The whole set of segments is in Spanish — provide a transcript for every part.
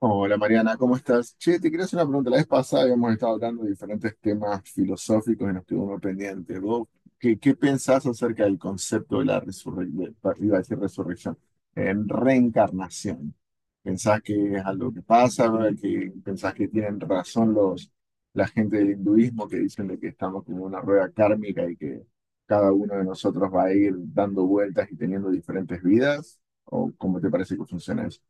Hola Mariana, ¿cómo estás? Che, te quería hacer una pregunta. La vez pasada habíamos estado hablando de diferentes temas filosóficos y nos quedó uno pendiente. ¿Vos qué pensás acerca del concepto de la resurrección? Iba a decir resurrección. En reencarnación. ¿Pensás que es algo que pasa? ¿Que pensás que tienen razón la gente del hinduismo que dicen de que estamos como en una rueda kármica y que cada uno de nosotros va a ir dando vueltas y teniendo diferentes vidas? ¿O cómo te parece que funciona eso?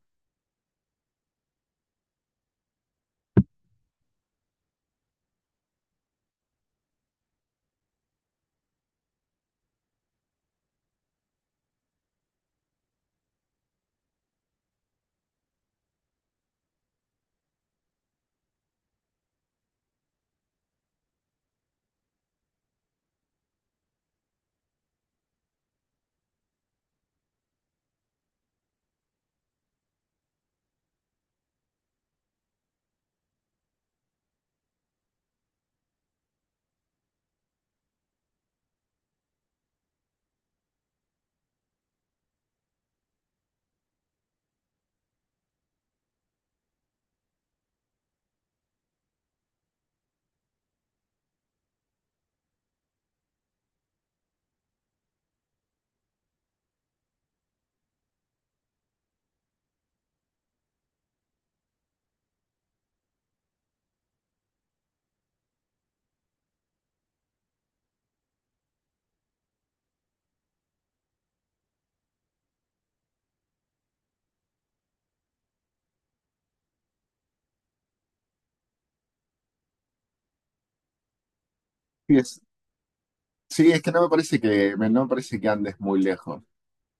Sí, es que no me parece que, no me parece que andes muy lejos.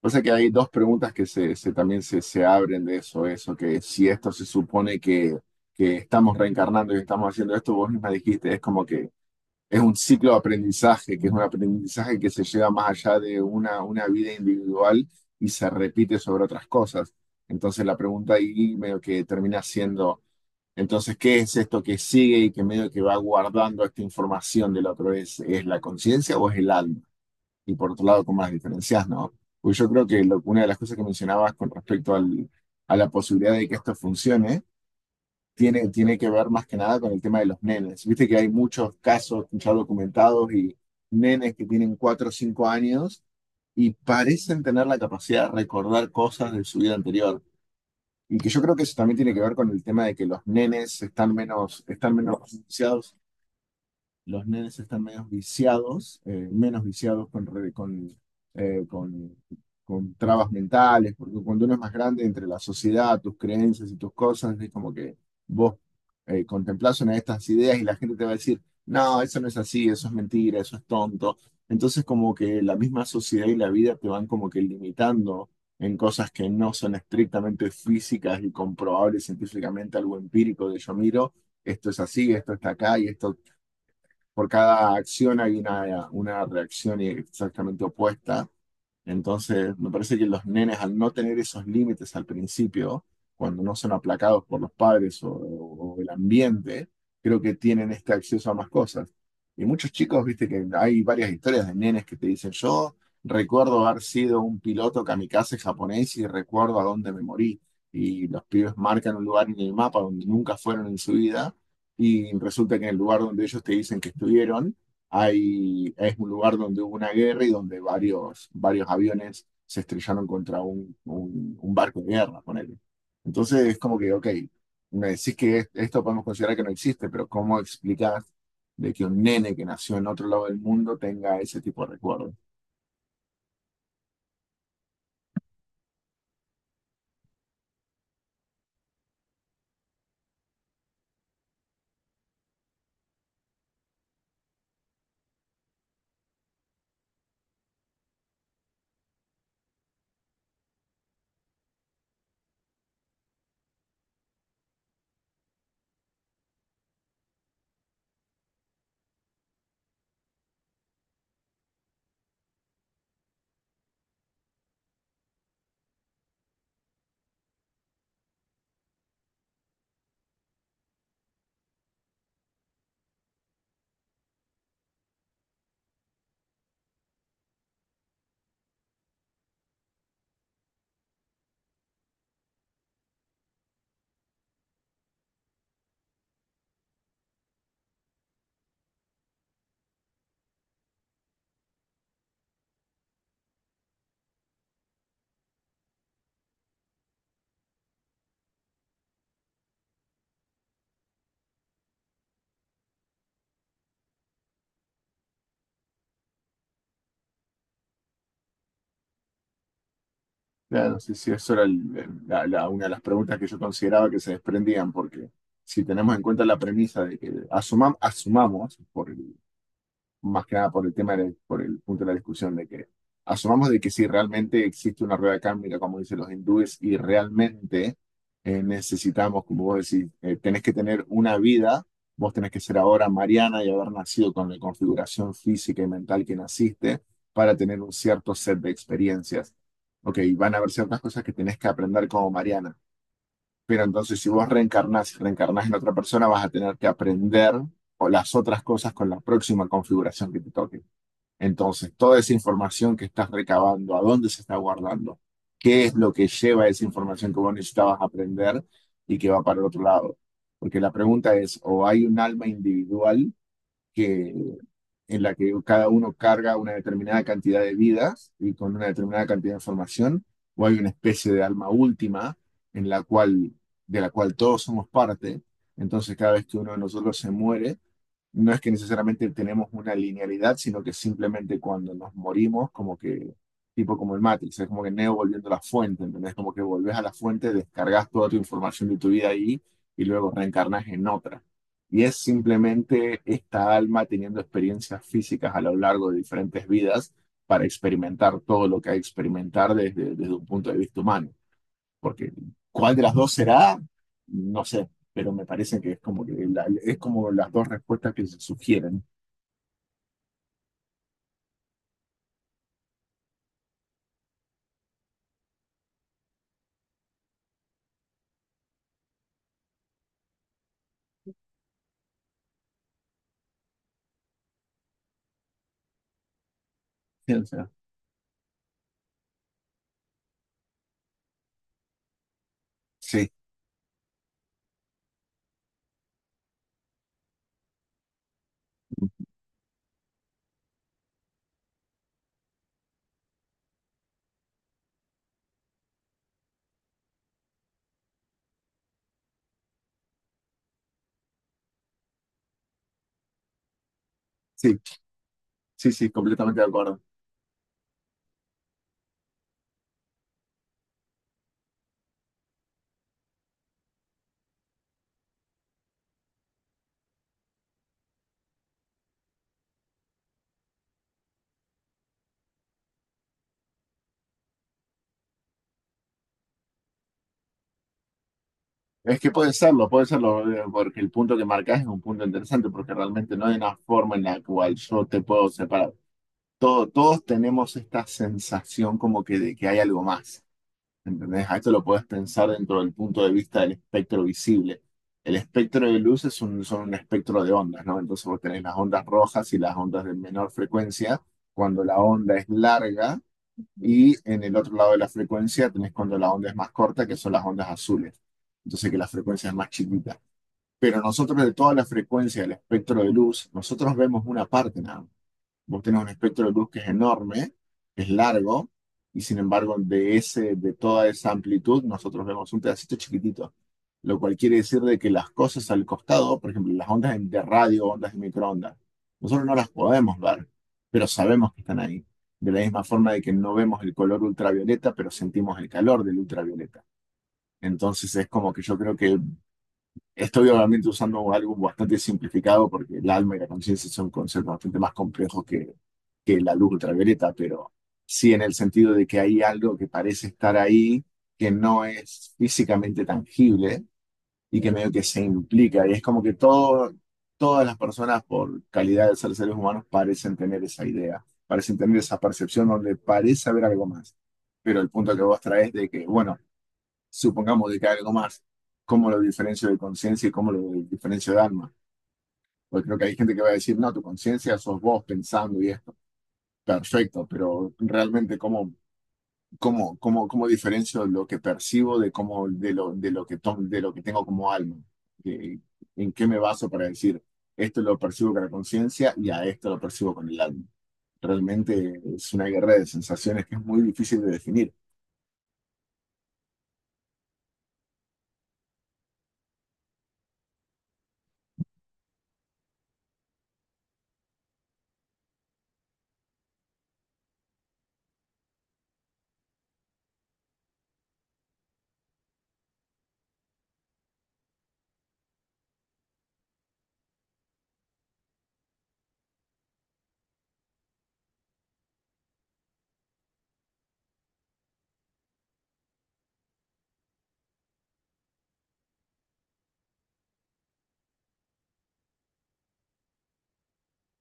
O sea que hay dos preguntas que también se abren de eso, que si esto se supone que estamos reencarnando y estamos haciendo esto, vos misma dijiste, es como que es un ciclo de aprendizaje, que es un aprendizaje que se lleva más allá de una vida individual y se repite sobre otras cosas. Entonces la pregunta ahí medio que termina siendo, entonces, ¿qué es esto que sigue y que medio que va guardando esta información de la otra vez? ¿Es la conciencia o es el alma? Y por otro lado, cómo las diferencias, ¿no? Pues yo creo que una de las cosas que mencionabas con respecto a la posibilidad de que esto funcione, tiene que ver más que nada con el tema de los nenes. Viste que hay muchos casos ya documentados y nenes que tienen 4 o 5 años y parecen tener la capacidad de recordar cosas de su vida anterior. Y que yo creo que eso también tiene que ver con el tema de que los nenes están menos los nenes están menos viciados con, eh, con, con trabas mentales, porque cuando uno es más grande entre la sociedad, tus creencias y tus cosas, es como que vos contemplás una de estas ideas y la gente te va a decir, no, eso no es así, eso es mentira, eso es tonto. Entonces como que la misma sociedad y la vida te van como que limitando en cosas que no son estrictamente físicas y comprobables científicamente, algo empírico de yo miro esto es así, esto está acá y esto por cada acción hay una reacción exactamente opuesta. Entonces, me parece que los nenes al no tener esos límites al principio, cuando no son aplacados por los padres o el ambiente, creo que tienen este acceso a más cosas. Y muchos chicos, viste que hay varias historias de nenes que te dicen, yo recuerdo haber sido un piloto kamikaze japonés y recuerdo a dónde me morí. Y los pibes marcan un lugar en el mapa donde nunca fueron en su vida y resulta que en el lugar donde ellos te dicen que estuvieron, hay, es un lugar donde hubo una guerra y donde varios aviones se estrellaron contra un barco de guerra, ponele. Entonces es como que, ok, me decís que esto podemos considerar que no existe, pero ¿cómo explicás de que un nene que nació en otro lado del mundo tenga ese tipo de recuerdos? Claro, sí, sí, eso era una de las preguntas que yo consideraba que se desprendían, porque si tenemos en cuenta la premisa de que asumamos, por más que nada por el tema, por el punto de la discusión de que asumamos de que si realmente existe una rueda kármica, como dicen los hindúes, y realmente necesitamos, como vos decís, tenés que tener una vida, vos tenés que ser ahora Mariana y haber nacido con la configuración física y mental que naciste para tener un cierto set de experiencias. Ok, van a haber ciertas cosas que tenés que aprender como Mariana. Pero entonces, si vos reencarnás y reencarnás en otra persona, vas a tener que aprender o las otras cosas con la próxima configuración que te toque. Entonces, toda esa información que estás recabando, a dónde se está guardando, qué es lo que lleva esa información que vos necesitabas aprender y que va para el otro lado. Porque la pregunta es, o hay un alma individual que, en la que cada uno carga una determinada cantidad de vidas y con una determinada cantidad de información, o hay una especie de alma última en la cual, de la cual todos somos parte. Entonces, cada vez que uno de nosotros se muere, no es que necesariamente tenemos una linealidad, sino que simplemente cuando nos morimos, como que, tipo como el Matrix, es como que Neo volviendo a la fuente, ¿entendés? Como que volvés a la fuente, descargas toda tu información de tu vida ahí y luego reencarnas en otra. Y es simplemente esta alma teniendo experiencias físicas a lo largo de diferentes vidas para experimentar todo lo que hay que experimentar desde un punto de vista humano porque cuál de las dos será, no sé, pero me parece que es como que es como las dos respuestas que se sugieren. Sí, o sea, sí, sí, sí, sí, completamente de acuerdo. Es que puede serlo, porque el punto que marcas es un punto interesante, porque realmente no hay una forma en la cual yo te puedo separar. Todos tenemos esta sensación como que de que hay algo más. ¿Entendés? A esto lo puedes pensar dentro del punto de vista del espectro visible. El espectro de luz es un, son un espectro de ondas, ¿no? Entonces vos tenés las ondas rojas y las ondas de menor frecuencia cuando la onda es larga y en el otro lado de la frecuencia tenés cuando la onda es más corta, que son las ondas azules. Entonces que la frecuencia es más chiquita. Pero nosotros de toda la frecuencia del espectro de luz, nosotros vemos una parte nada más. Vos tenés un espectro de luz que es enorme, es largo, y sin embargo de ese, de toda esa amplitud nosotros vemos un pedacito chiquitito, lo cual quiere decir de que las cosas al costado, por ejemplo, las ondas de radio, ondas de microondas, nosotros no las podemos ver, pero sabemos que están ahí. De la misma forma de que no vemos el color ultravioleta, pero sentimos el calor del ultravioleta. Entonces es como que yo creo que estoy obviamente usando algo bastante simplificado porque el alma y la conciencia son conceptos bastante más complejos que la luz ultravioleta, pero sí en el sentido de que hay algo que parece estar ahí, que no es físicamente tangible y que medio que se implica. Y es como que todo, todas las personas, por calidad de ser seres humanos, parecen tener esa idea, parecen tener esa percepción donde parece haber algo más. Pero el punto que vos traes de que, bueno, supongamos de que hay algo más, ¿cómo lo diferencio de conciencia y cómo lo diferencio de alma? Porque creo que hay gente que va a decir, no, tu conciencia sos vos pensando y esto. Perfecto, pero realmente cómo diferencio lo que percibo de de lo que de lo que tengo como alma. Eh, ¿En qué me baso para decir esto lo percibo con la conciencia y a esto lo percibo con el alma? Realmente es una guerra de sensaciones que es muy difícil de definir.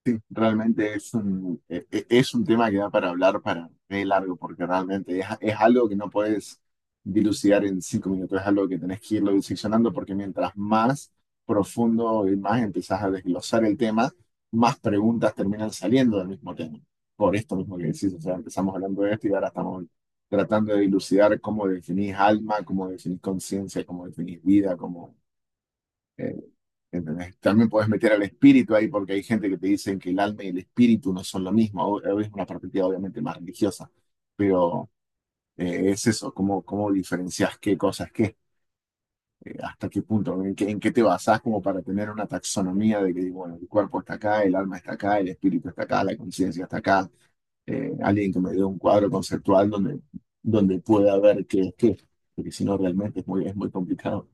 Sí, realmente es un, es un tema que da para hablar para re largo, porque realmente es algo que no puedes dilucidar en 5 minutos, es algo que tenés que irlo diseccionando, porque mientras más profundo y más empezás a desglosar el tema, más preguntas terminan saliendo del mismo tema. Por esto mismo que decís, o sea, empezamos hablando de esto y ahora estamos tratando de dilucidar cómo definís alma, cómo definís conciencia, cómo definís vida, cómo... eh, ¿entendés? También puedes meter al espíritu ahí porque hay gente que te dicen que el alma y el espíritu no son lo mismo. Es una perspectiva obviamente más religiosa, pero es eso, cómo diferencias qué cosas qué, hasta qué punto, en qué te basás como para tener una taxonomía de que, bueno, el cuerpo está acá, el alma está acá, el espíritu está acá, la conciencia está acá. Alguien que me dé un cuadro conceptual donde pueda ver qué es qué, porque si no realmente es es muy complicado.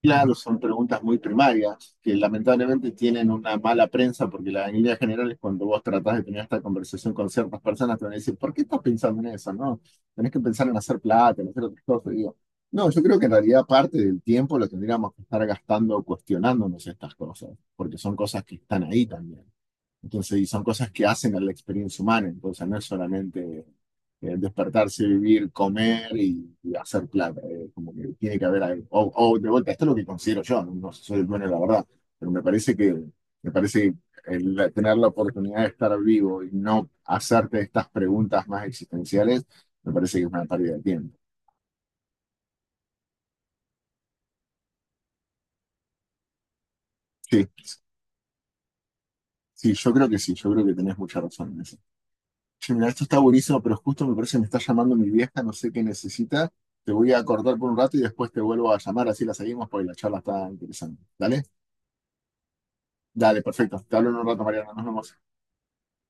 Claro, son preguntas muy primarias que lamentablemente tienen una mala prensa porque en líneas generales cuando vos tratás de tener esta conversación con ciertas personas te van a decir, ¿por qué estás pensando en eso? No, tenés que pensar en hacer plata, en hacer otras cosas. Y digo, no, yo creo que en realidad parte del tiempo lo tendríamos que estar gastando cuestionándonos estas cosas, porque son cosas que están ahí también. Entonces, y son cosas que hacen a la experiencia humana. Entonces, no es solamente despertarse, vivir, comer y hacer plata. Como que tiene que haber algo. De vuelta, esto es lo que considero yo. No, no soy el dueño de la verdad. Pero me parece me parece que el tener la oportunidad de estar vivo y no hacerte estas preguntas más existenciales, me parece que es una pérdida de tiempo. Sí, sí, yo creo que sí. Yo creo que tenés mucha razón en eso. Che, mirá, esto está buenísimo, pero justo me parece que me está llamando mi vieja, no sé qué necesita. Te voy a cortar por un rato y después te vuelvo a llamar, así la seguimos, porque la charla está interesante. ¿Dale? Dale, perfecto. Te hablo en un rato, Mariana. Nos vemos.